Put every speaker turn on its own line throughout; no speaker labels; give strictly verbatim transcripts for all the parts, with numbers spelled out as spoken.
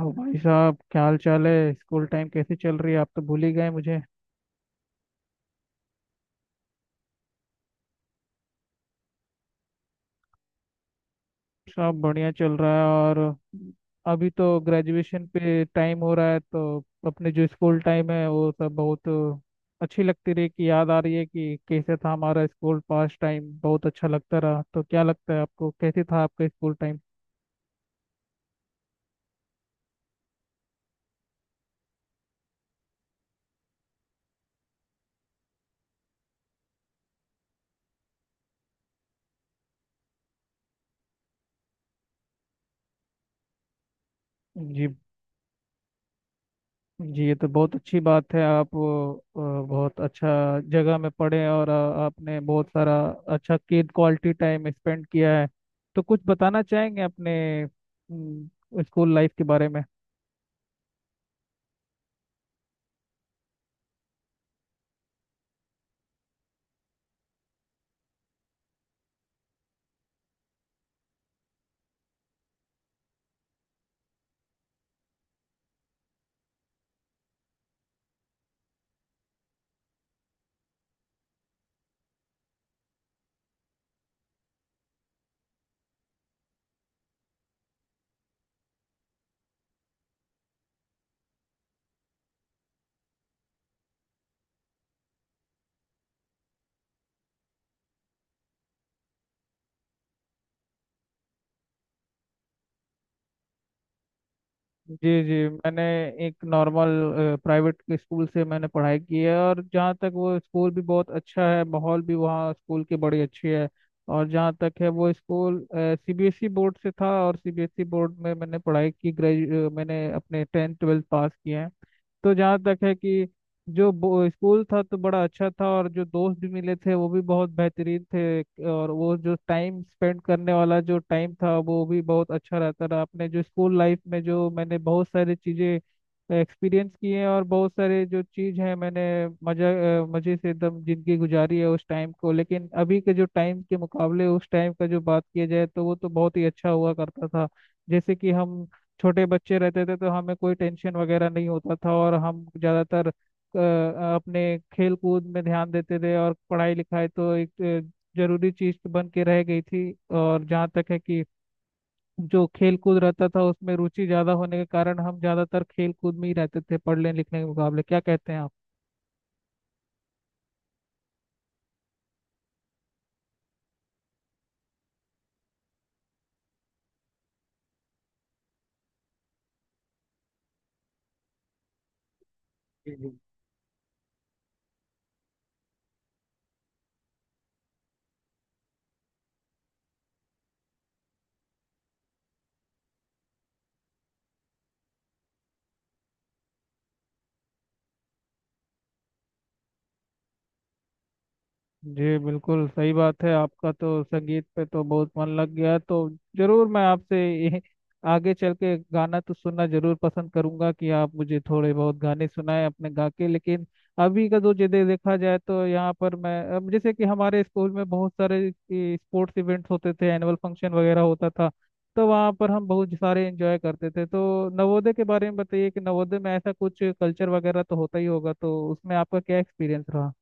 और भाई साहब क्या हाल चाल है। स्कूल टाइम कैसे चल रही है। आप तो भूल ही गए मुझे। सब बढ़िया चल रहा है और अभी तो ग्रेजुएशन पे टाइम हो रहा है, तो अपने जो स्कूल टाइम है वो सब बहुत अच्छी लगती रही। कि याद आ रही है कि कैसे था हमारा स्कूल। पास्ट टाइम बहुत अच्छा लगता रहा। तो क्या लगता है आपको, कैसे था आपका स्कूल टाइम? जी जी ये तो बहुत अच्छी बात है। आप अ, बहुत अच्छा जगह में पढ़े और अ, आपने बहुत सारा अच्छा किड क्वालिटी टाइम स्पेंड किया है। तो कुछ बताना चाहेंगे अपने स्कूल लाइफ के बारे में? जी जी मैंने एक नॉर्मल प्राइवेट स्कूल से मैंने पढ़ाई की है। और जहाँ तक वो स्कूल भी बहुत अच्छा है, माहौल भी वहाँ स्कूल की बड़ी अच्छी है। और जहाँ तक है वो स्कूल सीबीएसई बोर्ड से था, और सीबीएसई बोर्ड में मैंने पढ़ाई की। ग्रेजु मैंने अपने टेंथ ट्वेल्थ पास किए हैं। तो जहाँ तक है कि जो बो- स्कूल था तो बड़ा अच्छा था, और जो दोस्त भी मिले थे वो भी बहुत बेहतरीन थे। और वो जो टाइम स्पेंड करने वाला जो टाइम था वो भी बहुत अच्छा रहता रहा। अपने जो स्कूल लाइफ में जो मैंने बहुत सारी चीज़ें एक्सपीरियंस की हैं, और बहुत सारे जो चीज़ है मैंने मजा अ, मजे से एकदम जिंदगी गुजारी है उस टाइम को। लेकिन अभी के जो टाइम के मुकाबले उस टाइम का जो बात किया जाए तो वो तो बहुत ही अच्छा हुआ करता था। जैसे कि हम छोटे बच्चे रहते थे तो हमें कोई टेंशन वगैरह नहीं होता था, और हम ज़्यादातर अ, अपने खेल कूद में ध्यान देते थे। और पढ़ाई लिखाई तो एक अ, जरूरी चीज़ तो बन के रह गई थी। और जहाँ तक है कि जो खेल कूद रहता था उसमें रुचि ज़्यादा होने के कारण हम ज़्यादातर खेल कूद में ही रहते थे पढ़ने लिखने के मुकाबले। क्या कहते हैं आप? जी बिल्कुल सही बात है। आपका तो संगीत पे तो बहुत मन लग गया है, तो जरूर मैं आपसे ये आगे चल के गाना तो सुनना जरूर पसंद करूंगा कि आप मुझे थोड़े बहुत गाने सुनाएं अपने गा के। लेकिन अभी का जो जदे देखा जाए तो यहाँ पर मैं अब जैसे कि हमारे स्कूल में बहुत सारे स्पोर्ट्स इवेंट्स होते थे, एनुअल फंक्शन वगैरह होता था, तो वहाँ पर हम बहुत सारे एंजॉय करते थे। तो नवोदय के बारे में बताइए कि नवोदय में ऐसा कुछ कल्चर वगैरह तो होता ही होगा, तो उसमें आपका क्या एक्सपीरियंस रहा?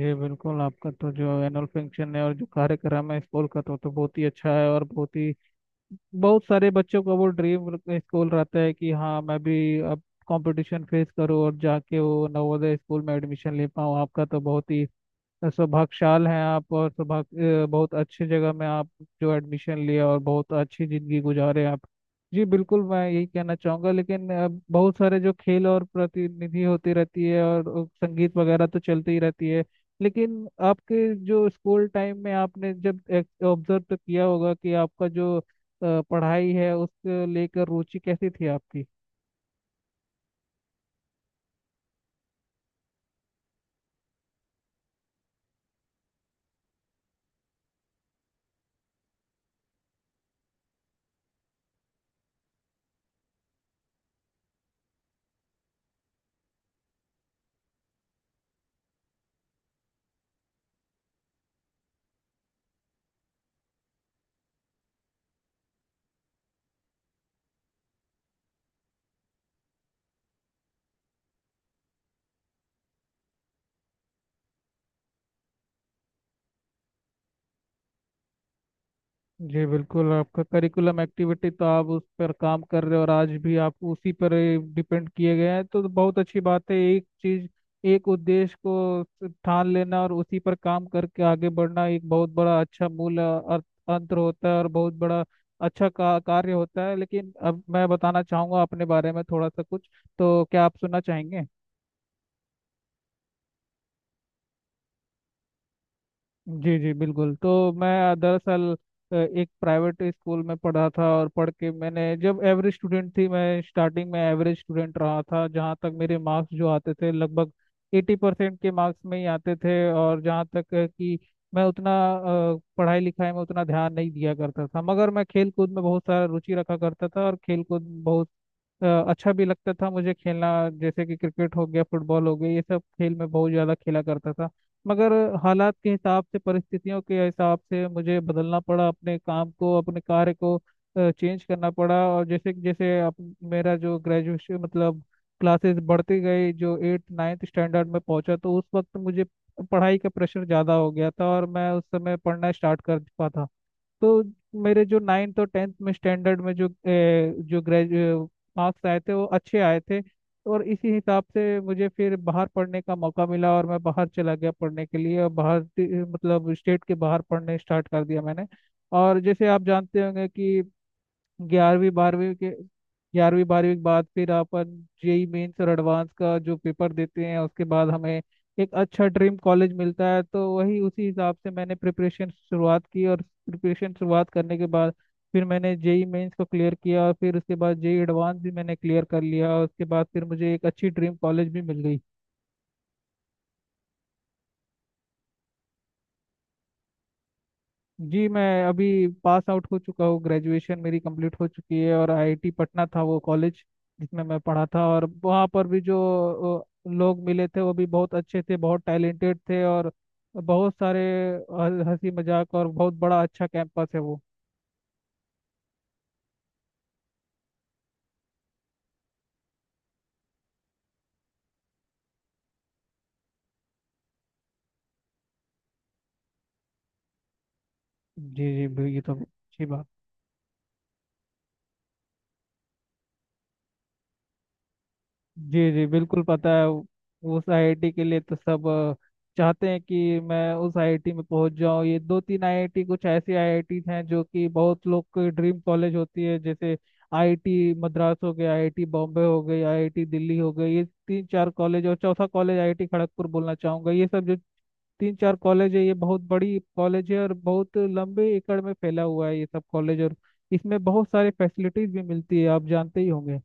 जी बिल्कुल। आपका तो जो एनुअल फंक्शन है और जो कार्यक्रम है स्कूल का तो तो बहुत ही अच्छा है, और बहुत ही बहुत सारे बच्चों का वो ड्रीम स्कूल रहता है कि हाँ मैं भी अब कंपटीशन फेस करूँ और जाके वो नवोदय स्कूल में एडमिशन ले पाऊँ। आपका तो बहुत ही सौभाग्यशाल हैं आप। और सौभाग्य अ, बहुत अच्छी जगह में आप जो एडमिशन लिया और बहुत अच्छी जिंदगी गुजारे आप। जी बिल्कुल मैं यही कहना चाहूँगा। लेकिन अ, बहुत सारे जो खेल और प्रतिनिधि होती रहती है, और अ, संगीत वगैरह तो चलती ही रहती है। लेकिन आपके जो स्कूल टाइम में आपने जब ऑब्जर्व तो किया होगा कि आपका जो अ, पढ़ाई है उसको लेकर रुचि कैसी थी आपकी? जी बिल्कुल। आपका करिकुलम एक्टिविटी तो आप उस पर काम कर रहे हो और आज भी आप उसी पर डिपेंड किए गए हैं, तो बहुत अच्छी बात है। एक चीज, एक उद्देश्य को ठान लेना और उसी पर काम करके आगे बढ़ना एक बहुत बड़ा अच्छा मूल अर्थ- अंतर होता है, और बहुत बड़ा अच्छा का, कार्य होता है। लेकिन अब मैं बताना चाहूंगा अपने बारे में थोड़ा सा कुछ। तो क्या आप सुनना चाहेंगे? जी जी बिल्कुल। तो मैं दरअसल अ, एक प्राइवेट स्कूल में पढ़ा था, और पढ़ के मैंने जब एवरेज स्टूडेंट थी, मैं स्टार्टिंग में एवरेज स्टूडेंट रहा था। जहाँ तक मेरे मार्क्स जो आते थे लगभग एटी परसेंट के मार्क्स में ही आते थे। और जहाँ तक है कि मैं उतना अ, पढ़ाई लिखाई में उतना ध्यान नहीं दिया करता था, मगर मैं खेल कूद में बहुत सारा रुचि रखा करता था। और खेल कूद बहुत अ, अच्छा भी लगता था मुझे खेलना, जैसे कि क्रिकेट हो गया फुटबॉल हो गया, ये सब खेल मैं बहुत ज़्यादा खेला करता था। मगर हालात के हिसाब से परिस्थितियों के हिसाब से मुझे बदलना पड़ा, अपने काम को अपने कार्य को चेंज करना पड़ा। और जैसे जैसे अप, मेरा जो ग्रेजुएशन मतलब क्लासेस बढ़ती गई, जो एट्थ नाइन्थ स्टैंडर्ड में पहुंचा तो उस वक्त मुझे पढ़ाई का प्रेशर ज़्यादा हो गया था, और मैं उस समय पढ़ना स्टार्ट कर पाता। तो मेरे जो नाइन्थ और टेंथ में स्टैंडर्ड में जो ए, जो ग्रेजुए मार्क्स आए थे वो अच्छे आए थे। और इसी हिसाब से मुझे फिर बाहर पढ़ने का मौका मिला, और मैं बाहर चला गया पढ़ने के लिए। और बाहर ति- मतलब स्टेट के बाहर पढ़ने स्टार्ट कर दिया मैंने। और जैसे आप जानते होंगे कि ग्यारहवीं बारहवीं के ग्यारहवीं बारहवीं के बाद फिर अपन जेई मेंस और एडवांस का जो पेपर देते हैं, उसके बाद हमें एक अच्छा ड्रीम कॉलेज मिलता है। तो वही उसी हिसाब से मैंने प्रिपरेशन शुरुआत की, और प्रिपरेशन शुरुआत करने के बाद फिर मैंने जेई मेंस को क्लियर किया, और फिर उसके बाद जेई एडवांस भी मैंने क्लियर कर लिया। और उसके बाद फिर मुझे एक अच्छी ड्रीम कॉलेज भी मिल गई। जी मैं अभी पास आउट हो चुका हूँ, ग्रेजुएशन मेरी कंप्लीट हो चुकी है। और आईआईटी पटना था वो कॉलेज जिसमें मैं पढ़ा था। और वहाँ पर भी जो अ, लोग मिले थे वो भी बहुत अच्छे थे, बहुत टैलेंटेड थे। और बहुत सारे ह- हंसी मजाक, और बहुत बड़ा अच्छा कैंपस है वो। जी जी बिल्कुल, ये तो अच्छी बात। जी जी बिल्कुल पता है। उस आईआईटी के लिए तो सब अ, चाहते हैं कि मैं उस आईआईटी में पहुंच जाऊं। ये दो तीन आईआईटी कुछ ऐसी आईआईटी हैं जो कि बहुत लोग की ड्रीम कॉलेज होती है, जैसे आईआईटी मद्रास हो गया, आईआईटी बॉम्बे हो गई, आईआईटी दिल्ली हो गई, ये तीन चार कॉलेज, और चौथा कॉलेज आईआईटी खड़गपुर बोलना चाहूंगा। ये सब जो तीन चार कॉलेज है ये बहुत बड़ी कॉलेज है और बहुत लंबे एकड़ में फैला हुआ है ये सब कॉलेज, और इसमें बहुत सारी फैसिलिटीज भी मिलती है आप जानते ही होंगे।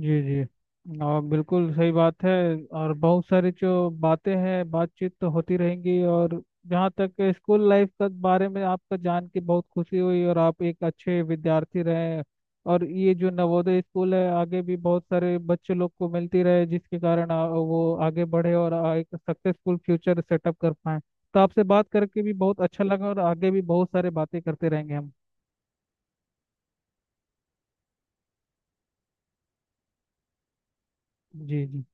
जी जी, और बिल्कुल सही बात है। और बहुत सारी जो बातें हैं बातचीत तो होती रहेंगी। और जहाँ तक स्कूल लाइफ के बारे में आपका जान के बहुत खुशी हुई, और आप एक अच्छे विद्यार्थी रहे। और ये जो नवोदय स्कूल है आगे भी बहुत सारे बच्चे लोग को मिलती रहे जिसके कारण आ, वो आगे बढ़े और आ, एक सक्सेसफुल फ्यूचर सेटअप कर पाए। तो आपसे बात करके भी बहुत अच्छा लगा, और आगे भी बहुत सारे बातें करते रहेंगे हम। जी जी।